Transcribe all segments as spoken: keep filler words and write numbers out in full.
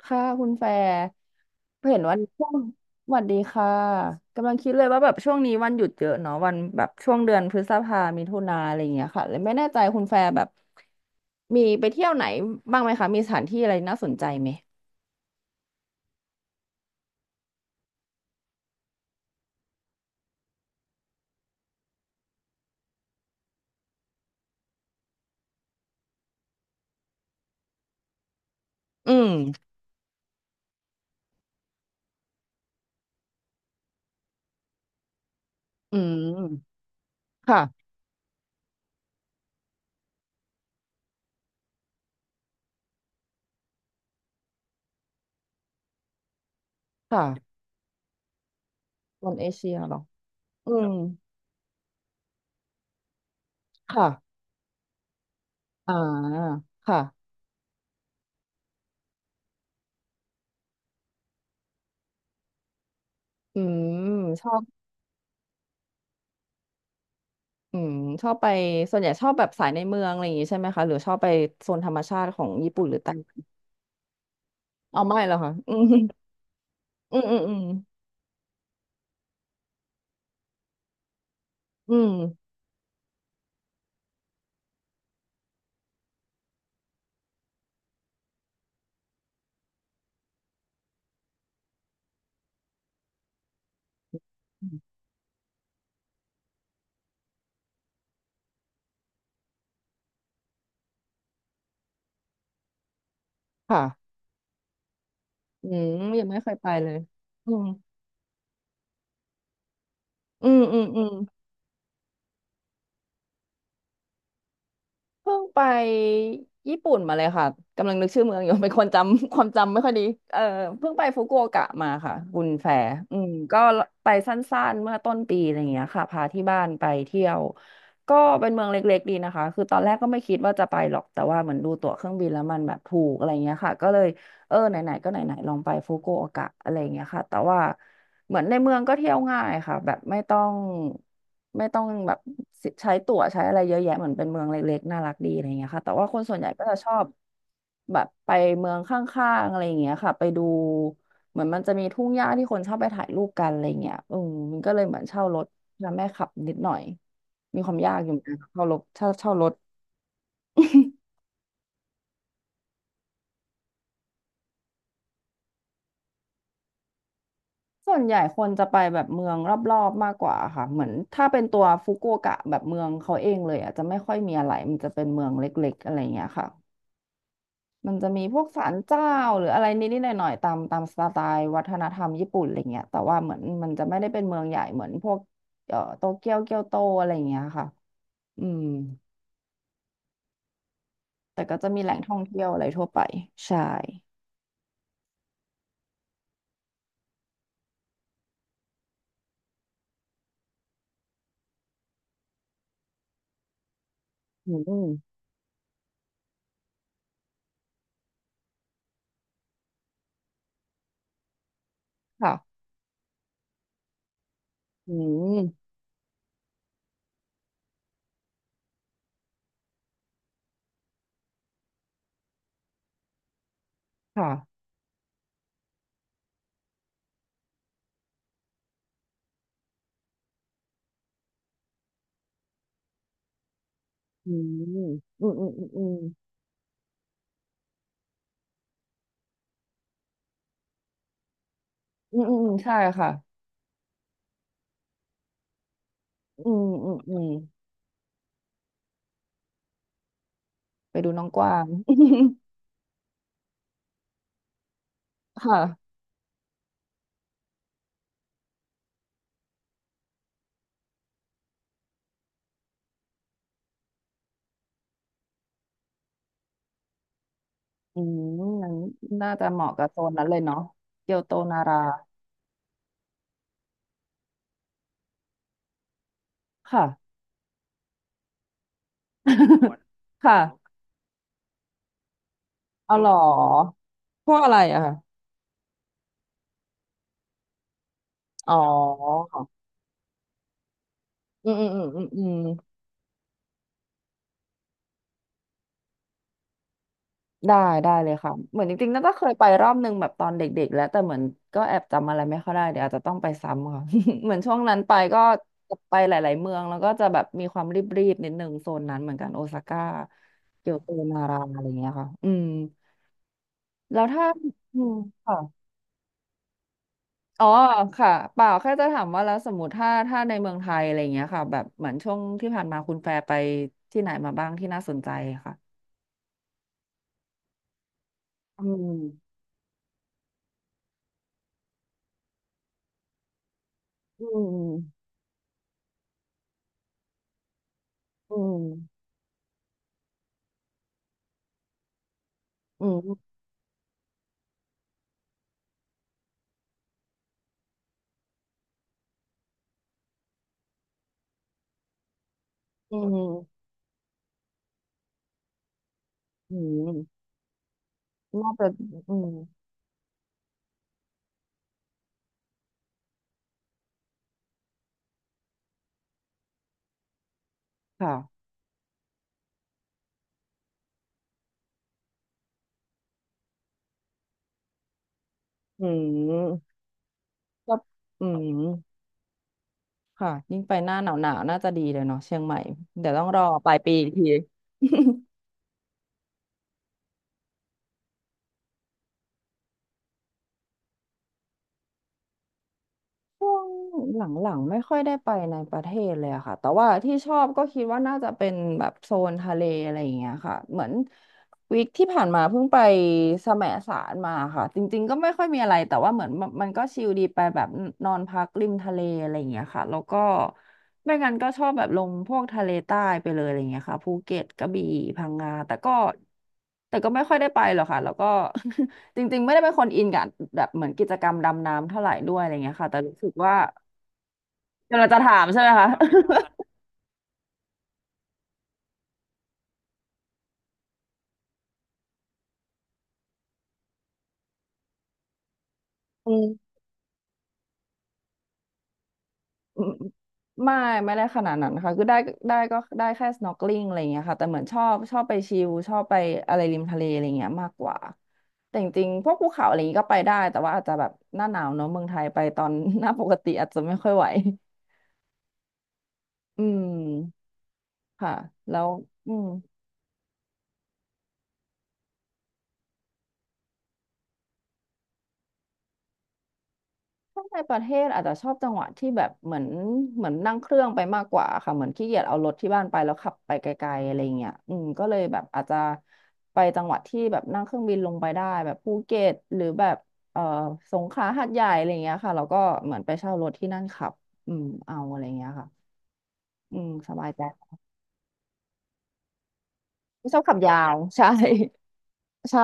ค่ะคุณแฟร์เห็นวันช่วงสวัสดีค่ะกำลังคิดเลยว่าแบบช่วงนี้วันหยุดเยอะเนาะวันแบบช่วงเดือนพฤษภามิถุนาอะไรอย่างเงี้ยค่ะเลยไม่แน่ใจคุณแฟร์แบบมีไปเที่ยวไหนบ้างไหมคะมีสถานที่อะไรน่าสนใจไหมอืมอืมค่ะค่ะบนเอเชียเหรออืมค่ะอ่าค่ะอืมชอบอืมชอบไปส่วนใหญ่ชอบแบบสายในเมืองอะไรอย่างงี้ใช่ไหมคะหรือชอบไปโซนธรรมชาติของญี่ปุ่นหรือไต้ เอาไม่แล้วค่ะอืมอืมอืมอืมอืมค่ะอืมยังไม่เคยไปเลยอืมอืมอืมอืม เพิ่งไปญี่ปุ่นมาเลยค่ะกำลังนึกชื่อเมืองอยู่ เป็นคนจำ ความจำไม่ค่อยดีเออเพิ่งไปฟุกุโอกะมาค่ะบุญแฟอืมก็ไปสั้นๆเมื่อต้นปีอะไรอย่างเงี้ยค่ะพาที่บ้านไปเที่ยวก็เป็นเมืองเล็กๆดีนะคะคือตอนแรกก็ไม่คิดว่าจะไปหรอกแต่ว่าเหมือนดูตั๋วเครื่องบินแล้วมันแบบถูกอะไรเงี้ยค่ะก็เลยเออไหนๆก็ไหนๆลองไปฟุกุโอกะอะไรเงี้ยค่ะแต่ว่าเหมือนในเมืองก็เที่ยวง่ายค่ะแบบไม่ต้อง ไม่ต้องแบบใช้ตั๋วใช้อะไรเยอะแยะเหมือนเป็นเมืองเล็กๆน่ารักดีอะไรเงี้ยค่ะแต่ว่าคนส่วนใหญ่ก็จะชอบแบบไปเมืองข้างๆอะไรเงี้ยค่ะไปดูเหมือนมันจะมีทุ่งหญ้าที่คนชอบไปถ่ายรูปกันอะไรเงี้ยอืมมันก็เลยเหมือนเช่ารถแล้วแม่ขับนิดหน่อยมีความยากอยู่เหมือนกันเช่ารถเช่าเช่ารถ ส่วนใหญ่คนจะไปแบบเมืองรอบๆมากกว่าค่ะเหมือนถ้าเป็นตัวฟุกุโอกะแบบเมืองเขาเองเลยอ่ะจะไม่ค่อยมีอะไรมันจะเป็นเมืองเล็กๆอะไรอย่างเงี้ยค่ะ มันจะมีพวกศาลเจ้าหรืออะไรนิดๆหน่อยๆตามตามสไตล์วัฒนธรรมญี่ปุ่นอะไรเงี้ยแต่ว่าเหมือนมันจะไม่ได้เป็นเมืองใหญ่เหมือนพวกเอ่อโตเกียวเกียวโตอะไรเงี้ยค่ะอืมแต่ก็จะมีแหล่งท่องเที่ยวอะไรทั่วไปใช่อืมค่ะอืมค่ะอืมอืมอืมอืมอืมอืมอืมอืมใช่ค่ะอืมอืมอืมไปดูน้องกวาง ค่ะอืมนั้นน่าจะเหมาะกับโซนนั้นเลยเนาะเกียวโตนาราค่ะ ค่ะเอาหรอพวกอะไรอะค่ะอ๋ออืมอืมอืมอืมอืมได้ได้เลยค่ะเหมือนจริงๆน่าจะเคยไปรอบนึงแบบตอนเด็กๆแล้วแต่เหมือนก็แอบจำอะไรไม่ค่อยได้เดี๋ยวอาจจะต้องไปซ้ำค่ะ เหมือนช่วงนั้นไปก็ไปหลายๆเมืองแล้วก็จะแบบมีความรีบๆนิดนึงโซนนั้นเหมือนกันโอซาก้าเกียวโตนาราอะไรเงี้ยค่ะอืมแล้วถ้าอืมค่ะ อ๋อค่ะเปล่าแค่จะถามว่าแล้วสมมติถ้าถ้าในเมืองไทยอะไรอย่างเงี้ยค่ะแบบเหมือนช่วงที่ผ่านมาคุณแฟร์ไปที่ไหนมาบ้างที่น่าสนใจค่ะอืมอืมอืมอืมอืมอืมน่าจะอืมค่ะอืมก็อืมค่ะยิ่งไปหน้าหนาวหนาวน่าจะดีเลยเนาะเชียงใหม่เดี๋ยวต้องรอปลายปีอีกที ช่วงหลังๆไม่ค่อยได้ไปในประเทศเลยอะค่ะแต่ว่าที่ชอบก็คิดว่าน่าจะเป็นแบบโซนทะเลอะไรอย่างเงี้ยค่ะเหมือนวีคที่ผ่านมาเพิ่งไปแสมสารมาค่ะจริงๆก็ไม่ค่อยมีอะไรแต่ว่าเหมือนมันมันก็ชิลดีไปแบบนอนพักริมทะเลอะไรอย่างเงี้ยค่ะแล้วก็ไม่งั้นก็ชอบแบบลงพวกทะเลใต้ไปเลยอะไรอย่างเงี้ยค่ะภูเก็ตกระบี่พังงาแต่ก็แต่ก็ไม่ค่อยได้ไปหรอกค่ะแล้วก็ จริงๆไม่ได้เป็นคนอินกับแบบเหมือนกิจกรรมดำน้ำเท่าไหร่ด้วยอะไรเงี้ยค่ะแต่รู้สึกว่ากำลังจะถามใช่ไหมคะ อืมอืมไม่ไม่ได้ขนาดนั้นค่ะคือได้ได้ก็ได้แค่ snorkeling อะไรเงี้ยค่ะแต่เหมือนชอบชอบไปชิลชอบไปอะไรริมทะเลอะไรเงี้ยมากกว่าแต่จริงๆพวกภูเขาอะไรเงี้ยก็ไปได้แต่ว่าอาจจะแบบหน้าหนาวเนอะเมืองไทยไปตอน หน้าปกติอาจจะไม่ค่อยไหวอืมค่ะแล้วอืม ถ้าในประเทศอาจจะชอบจังหวะที่แบบเหมือนเหมือนนั่งเครื่องไปมากกว่าค่ะเหมือนขี้เกียจเอารถที่บ้านไปแล้วขับไปไกลๆอะไรเงี้ยอืมก็เลยแบบอาจจะไปจังหวัดที่แบบนั่งเครื่องบินลงไปได้แบบภูเก็ตหรือแบบเอ่อสงขลาหาดใหญ่อะไรเงี้ยค่ะแล้วก็เหมือนไปเช่ารถที่นั่นขับอืมเอาอะไรเงี้ยค่ะอืมสบายใจไม่ชอบขับยาว ใช่ ใช่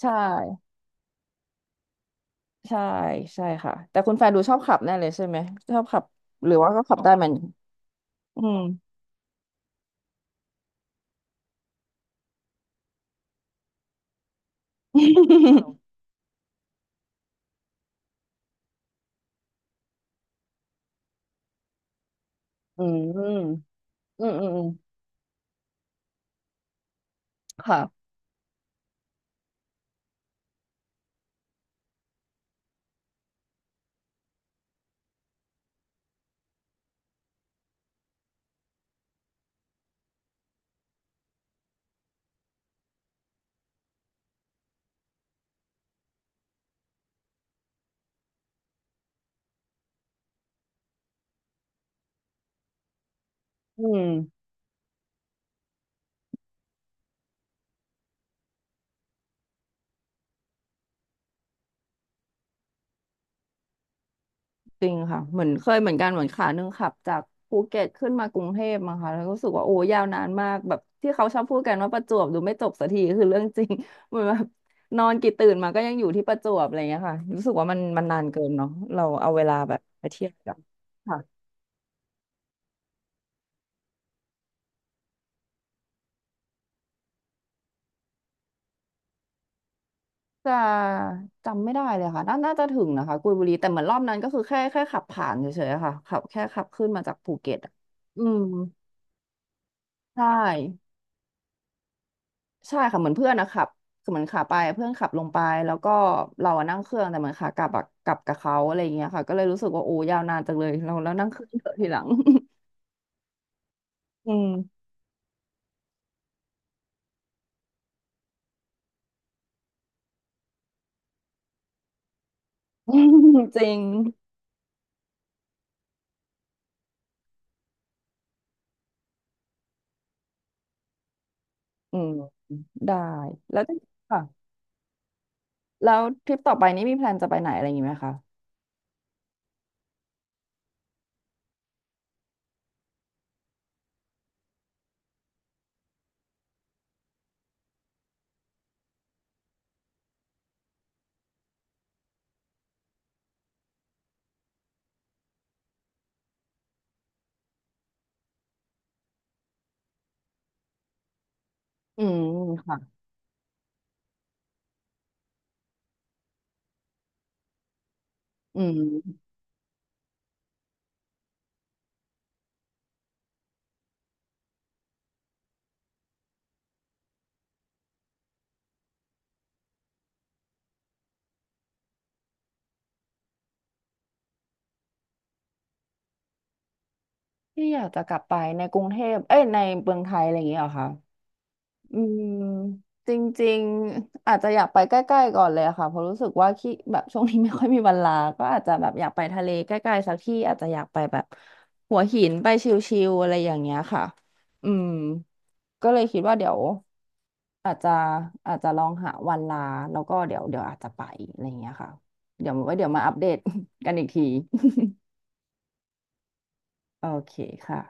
ใช่ใช่ใช่ค่ะแต่คุณแฟนดูชอบขับแน่เลยใช่ไหมชอบขับหรือว่าก็ขับได้เหมือนอืม อืมอืมอืมอืมค่ะอืมจริงค่ะเหมือนเคยเหมือนกันเหมือนขาหนึ่งขับจากภูเก็ตขึ้นมากรุงเทพมาค่ะแล้วก็รู้สึกว่าโอ้ยาวนานมากแบบที่เขาชอบพูดกันว่าประจวบดูไม่จบสักทีคือเรื่องจริง เหมือนแบบนอนกี่ตื่นมาก็ยังอยู่ที่ประจวบอะไรอย่างเงี้ยค่ะรู้สึกว่ามันมันนานเกินเนาะเราเอาเวลาแบบไปเที่ยวกันค่ะจะจำไม่ได้เลยค่ะน่าน่าจะถึงนะคะกุยบุรีแต่เหมือนรอบนั้นก็คือแค่แค่ขับผ่านเฉยๆอะค่ะขับแค่ขับขึ้นมาจากภูเก็ตอะอืมใช่ ใช่ค่ะเหมือนเพื่อนนะขับคือเหมือนขาไปเพื่อนขับลงไปแล้วก็เราอะนั่งเครื่องแต่เหมือนขากลับอะกลับกับเขาอะไรอย่างเงี้ยค่ะก็เลยรู้สึกว่าโอ้ยาวนานจังเลยเราแล้วนั่งเครื่องเถอะทีหลังอืม จริงอืมได้แล้วค่ะแล้วทริปต่อไปนี้มีแพลนจะไปไหนอะไรอย่างงี้ไหมคะอืมค่ะอืมที่อยากจะกลับไปในกรุงเทพเอ้ยในเมืองไทยอะไรอย่างเงี้ยเหรอคะ อืมจริงๆอาจจะอยากไปใกล้ๆก่อนเลยอะค่ะเพราะรู้สึกว่าขี้แบบช่วงนี้ไม่ค่อยมีเวลาก็อาจจะแบบอยากไปทะเลใกล้ๆสักที่อาจจะอยากไปแบบหัวหินไปชิลๆอะไรอย่างเงี้ยค่ะอืมก็เลยคิดว่าเดี๋ยวอาจจะอาจจะลองหาวันลาแล้วก็เดี๋ยวเดี๋ยวอาจจะไปอะไรอย่างเงี้ยค่ะเดี๋ยวไว้เดี๋ยวมาอัปเดต กันอีกที โอเคค่ะ